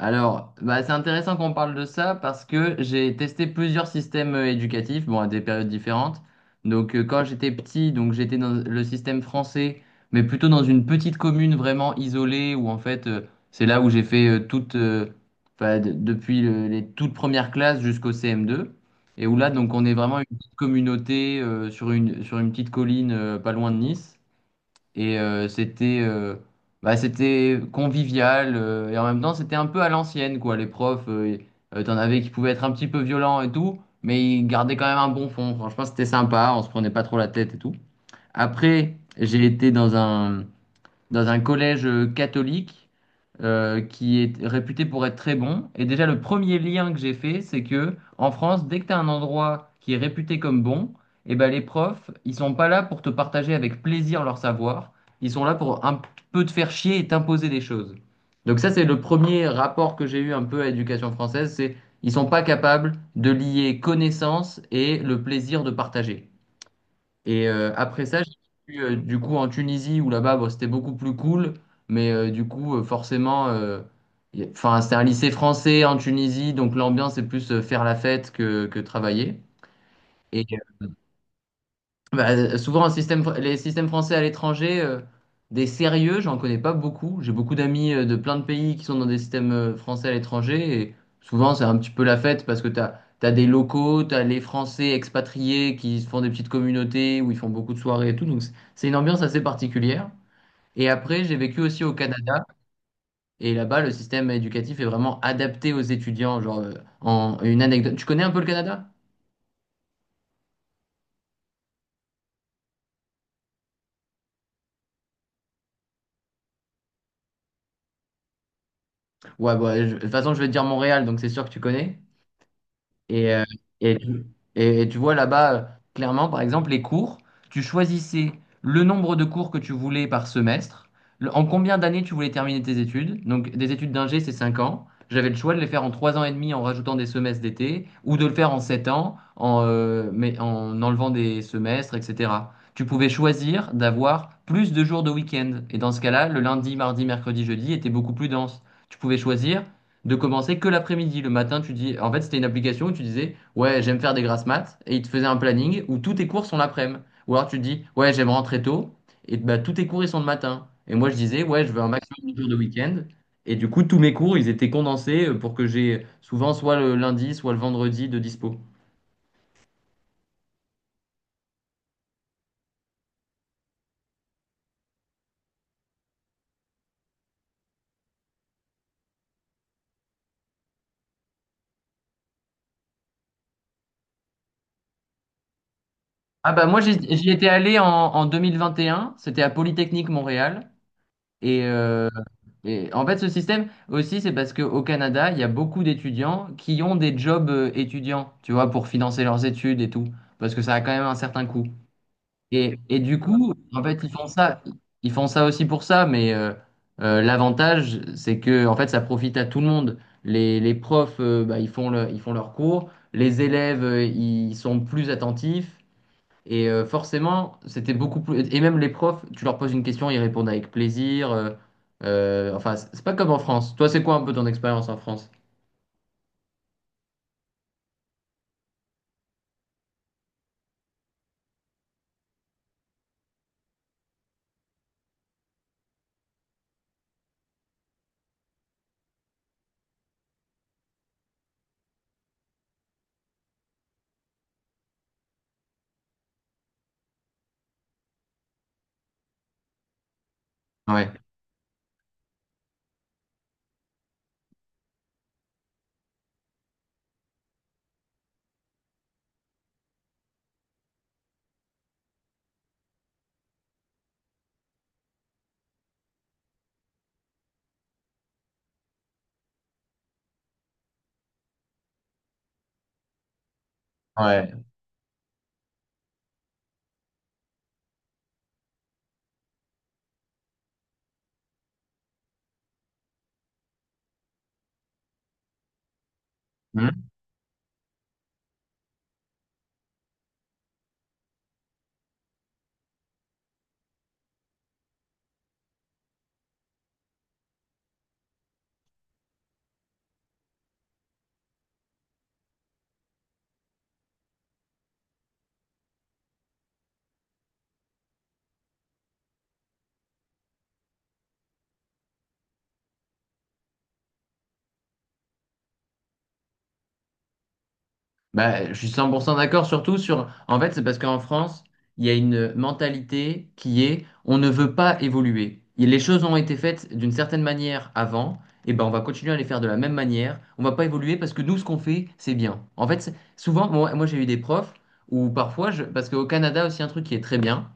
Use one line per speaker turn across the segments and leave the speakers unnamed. Alors, bah, c'est intéressant qu'on parle de ça parce que j'ai testé plusieurs systèmes éducatifs, bon, à des périodes différentes. Donc, quand j'étais petit, donc j'étais dans le système français, mais plutôt dans une petite commune vraiment isolée où en fait, c'est là où j'ai fait toute, enfin, depuis les toutes premières classes jusqu'au CM2. Et où là, donc, on est vraiment une petite communauté sur une petite colline pas loin de Nice. Et c'était bah, c'était convivial et en même temps c'était un peu à l'ancienne quoi. Les profs, t'en avais qui pouvaient être un petit peu violents et tout, mais ils gardaient quand même un bon fond. Franchement, c'était sympa, on se prenait pas trop la tête et tout. Après, j'ai été dans un collège catholique qui est réputé pour être très bon. Et déjà, le premier lien que j'ai fait, c'est que en France, dès que tu as un endroit qui est réputé comme bon, eh ben, les profs, ils sont pas là pour te partager avec plaisir leur savoir. Ils sont là pour un peu te faire chier et t'imposer des choses. Donc ça, c'est le premier rapport que j'ai eu un peu à l'éducation française, c'est ils sont pas capables de lier connaissance et le plaisir de partager. Et après ça, j'ai suis du coup en Tunisie où là-bas, bon, c'était beaucoup plus cool. Mais du coup, forcément, enfin, c'était un lycée français en Tunisie, donc l'ambiance est plus faire la fête que travailler. Et, bah, souvent, les systèmes français à l'étranger, des sérieux, j'en connais pas beaucoup. J'ai beaucoup d'amis de plein de pays qui sont dans des systèmes français à l'étranger. Et souvent, c'est un petit peu la fête parce que t'as des locaux, t'as les Français expatriés qui se font des petites communautés où ils font beaucoup de soirées et tout. Donc, c'est une ambiance assez particulière. Et après, j'ai vécu aussi au Canada. Et là-bas, le système éducatif est vraiment adapté aux étudiants. Genre, en une anecdote. Tu connais un peu le Canada? Ouais, bah, de toute façon, je vais te dire Montréal, donc c'est sûr que tu connais. Et, euh, et, tu et tu vois là-bas, clairement, par exemple, les cours, tu choisissais le nombre de cours que tu voulais par semestre, en combien d'années tu voulais terminer tes études. Donc, des études d'ingé, c'est 5 ans. J'avais le choix de les faire en 3 ans et demi en rajoutant des semestres d'été, ou de le faire en 7 ans mais en enlevant des semestres, etc. Tu pouvais choisir d'avoir plus de jours de week-end. Et dans ce cas-là, le lundi, mardi, mercredi, jeudi était beaucoup plus dense. Tu pouvais choisir de commencer que l'après-midi. Le matin, tu dis, en fait, c'était une application où tu disais, ouais, j'aime faire des grasses maths, et il te faisait un planning où tous tes cours sont l'après-midi. Ou alors tu dis, ouais, j'aime rentrer tôt, et bah, tous tes cours, ils sont le matin. Et moi, je disais, ouais, je veux un maximum de cours de week-end. Et du coup, tous mes cours, ils étaient condensés pour que j'ai souvent soit le lundi, soit le vendredi de dispo. Ah bah moi, j'y étais allé en 2021, c'était à Polytechnique Montréal. Et, euh, Et en fait, ce système aussi, c'est parce qu'au Canada, il y a beaucoup d'étudiants qui ont des jobs étudiants, tu vois, pour financer leurs études et tout, parce que ça a quand même un certain coût. Et du coup, en fait, ils font ça aussi pour ça, mais l'avantage, c'est que en fait, ça profite à tout le monde. Les profs, bah, ils font leurs cours, les élèves, ils sont plus attentifs, et forcément, c'était beaucoup plus. Et même les profs, tu leur poses une question, ils répondent avec plaisir. Enfin, c'est pas comme en France. Toi, c'est quoi un peu ton expérience en France? Ouais. Ouais. Bah, je suis 100% d'accord, surtout sur. En fait, c'est parce qu'en France, il y a une mentalité qui est on ne veut pas évoluer. Et les choses ont été faites d'une certaine manière avant, et ben on va continuer à les faire de la même manière. On va pas évoluer parce que nous, ce qu'on fait, c'est bien. En fait, souvent, j'ai eu des profs où parfois, parce qu'au Canada aussi, un truc qui est très bien,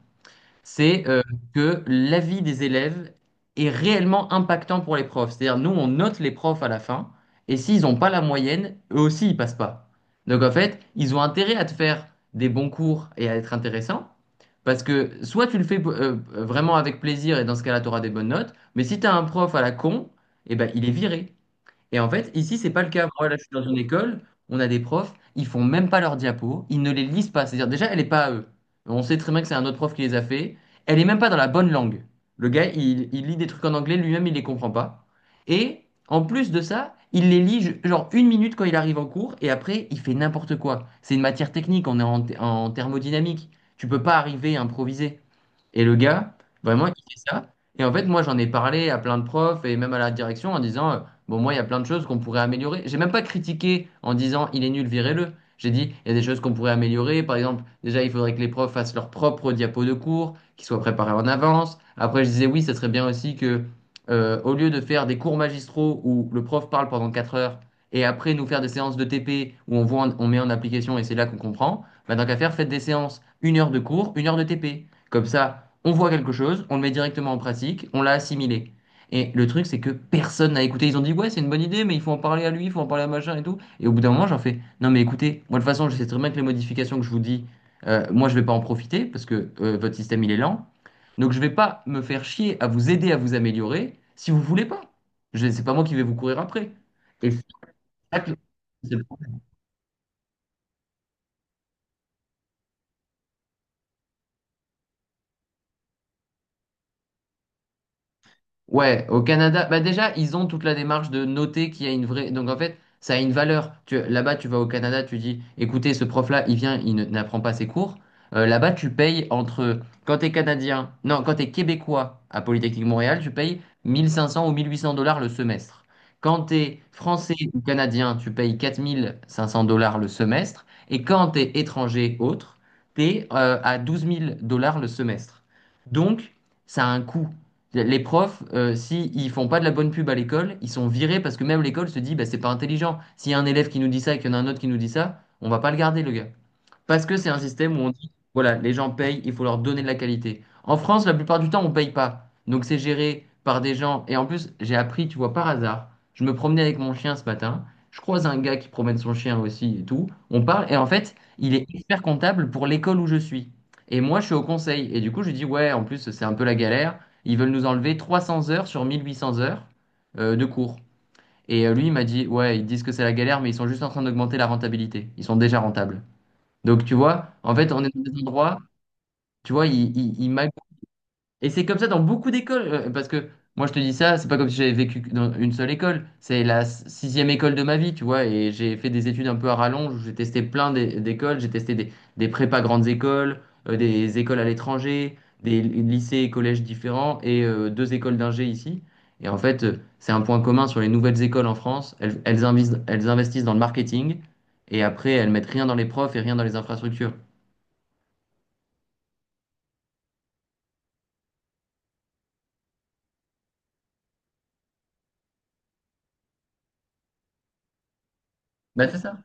c'est que l'avis des élèves est réellement impactant pour les profs. C'est-à-dire, nous, on note les profs à la fin, et s'ils n'ont pas la moyenne, eux aussi, ils passent pas. Donc, en fait, ils ont intérêt à te faire des bons cours et à être intéressants, parce que soit tu le fais vraiment avec plaisir, et dans ce cas-là, tu auras des bonnes notes, mais si tu as un prof à la con, eh ben, il est viré. Et en fait, ici, c'est pas le cas. Moi, là, je suis dans une école, on a des profs, ils font même pas leurs diapos, ils ne les lisent pas. C'est-à-dire, déjà, elle est pas à eux. On sait très bien que c'est un autre prof qui les a fait. Elle est même pas dans la bonne langue. Le gars, il lit des trucs en anglais, lui-même, il les comprend pas. Et en plus de ça, il les lit genre 1 minute quand il arrive en cours, et après, il fait n'importe quoi. C'est une matière technique, on est en thermodynamique. Tu peux pas arriver à improviser. Et le gars, vraiment, il fait ça. Et en fait, moi, j'en ai parlé à plein de profs et même à la direction en disant. Bon, moi, il y a plein de choses qu'on pourrait améliorer. J'ai même pas critiqué en disant il est nul, virez-le. J'ai dit il y a des choses qu'on pourrait améliorer. Par exemple, déjà, il faudrait que les profs fassent leur propre diapo de cours, qu'ils soient préparés en avance. Après, je disais oui, ça serait bien aussi que, au lieu de faire des cours magistraux où le prof parle pendant 4 heures et après nous faire des séances de TP où on voit, on met en application et c'est là qu'on comprend, bah, tant qu'à faire, faites des séances, 1 heure de cours, 1 heure de TP. Comme ça, on voit quelque chose, on le met directement en pratique, on l'a assimilé. Et le truc, c'est que personne n'a écouté. Ils ont dit, ouais, c'est une bonne idée, mais il faut en parler à lui, il faut en parler à machin et tout. Et au bout d'un moment, j'en fais, non, mais écoutez, moi, de toute façon, je sais très bien que les modifications que je vous dis, moi, je vais pas en profiter parce que votre système, il est lent. Donc, je vais pas me faire chier à vous aider à vous améliorer si vous voulez pas. C'est pas moi qui vais vous courir après. Et c'est pour ça. Ouais, au Canada, bah déjà, ils ont toute la démarche de noter qu'il y a une vraie. Donc en fait, ça a une valeur. Là-bas, tu vas au Canada, tu dis, écoutez, ce prof-là, il vient, il n'apprend pas ses cours. Là-bas, tu payes entre. Quand t'es Canadien, non, quand t'es Québécois à Polytechnique Montréal, tu payes 1 500 ou 1 800 dollars le semestre. Quand t'es Français ou Canadien, tu payes 4 500 dollars le semestre. Et quand t'es étranger, autre, t'es à 12 000 dollars le semestre. Donc, ça a un coût. Les profs, s'ils font pas de la bonne pub à l'école, ils sont virés parce que même l'école se dit, bah, c'est pas intelligent. S'il y a un élève qui nous dit ça et qu'il y en a un autre qui nous dit ça, on va pas le garder, le gars. Parce que c'est un système où on dit, voilà, les gens payent, il faut leur donner de la qualité. En France, la plupart du temps, on paye pas. Donc c'est géré par des gens. Et en plus, j'ai appris, tu vois, par hasard, je me promenais avec mon chien ce matin. Je croise un gars qui promène son chien aussi et tout. On parle et en fait, il est expert comptable pour l'école où je suis. Et moi, je suis au conseil. Et du coup, je lui dis, ouais, en plus, c'est un peu la galère. Ils veulent nous enlever 300 heures sur 1800 heures de cours. Lui, il m'a dit, ouais, ils disent que c'est la galère, mais ils sont juste en train d'augmenter la rentabilité. Ils sont déjà rentables. Donc, tu vois, en fait, on est dans des endroits, tu vois, ils et c'est comme ça dans beaucoup d'écoles, parce que moi je te dis ça, c'est pas comme si j'avais vécu dans une seule école, c'est la sixième école de ma vie, tu vois, et j'ai fait des études un peu à rallonge, où j'ai testé plein d'écoles, j'ai testé des prépas grandes écoles, des écoles à l'étranger, des lycées et collèges différents, et deux écoles d'ingé ici. Et en fait, c'est un point commun sur les nouvelles écoles en France, elles investissent dans le marketing, et après elles mettent rien dans les profs et rien dans les infrastructures. Bah c'est ça.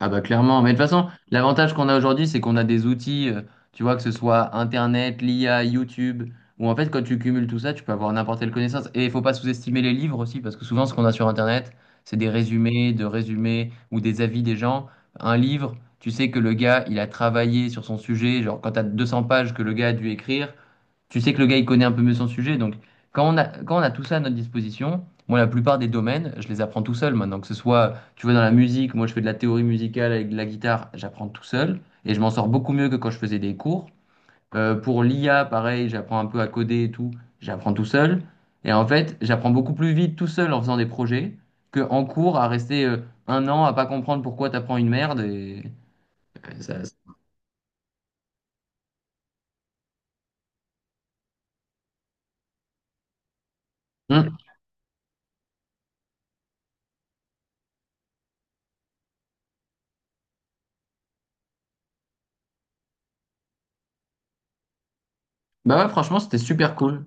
Ah bah clairement, mais de toute façon, l'avantage qu'on a aujourd'hui, c'est qu'on a des outils, tu vois, que ce soit Internet, l'IA, YouTube, où en fait, quand tu cumules tout ça, tu peux avoir n'importe quelle connaissance. Et il faut pas sous-estimer les livres aussi, parce que souvent, ce qu'on a sur Internet, c'est des résumés, de résumés, ou des avis des gens. Un livre, tu sais que le gars, il a travaillé sur son sujet, genre quand tu as 200 pages que le gars a dû écrire, tu sais que le gars, il connaît un peu mieux son sujet. Donc, quand on a tout ça à notre disposition, moi, la plupart des domaines, je les apprends tout seul maintenant, que ce soit tu vois, dans la musique, moi je fais de la théorie musicale avec de la guitare, j'apprends tout seul et je m'en sors beaucoup mieux que quand je faisais des cours. Pour l'IA, pareil, j'apprends un peu à coder et tout, j'apprends tout seul. Et en fait, j'apprends beaucoup plus vite tout seul en faisant des projets que en cours à rester 1 an à pas comprendre pourquoi t'apprends une merde et et ça- Hmm. Bah ouais, franchement, c'était super cool.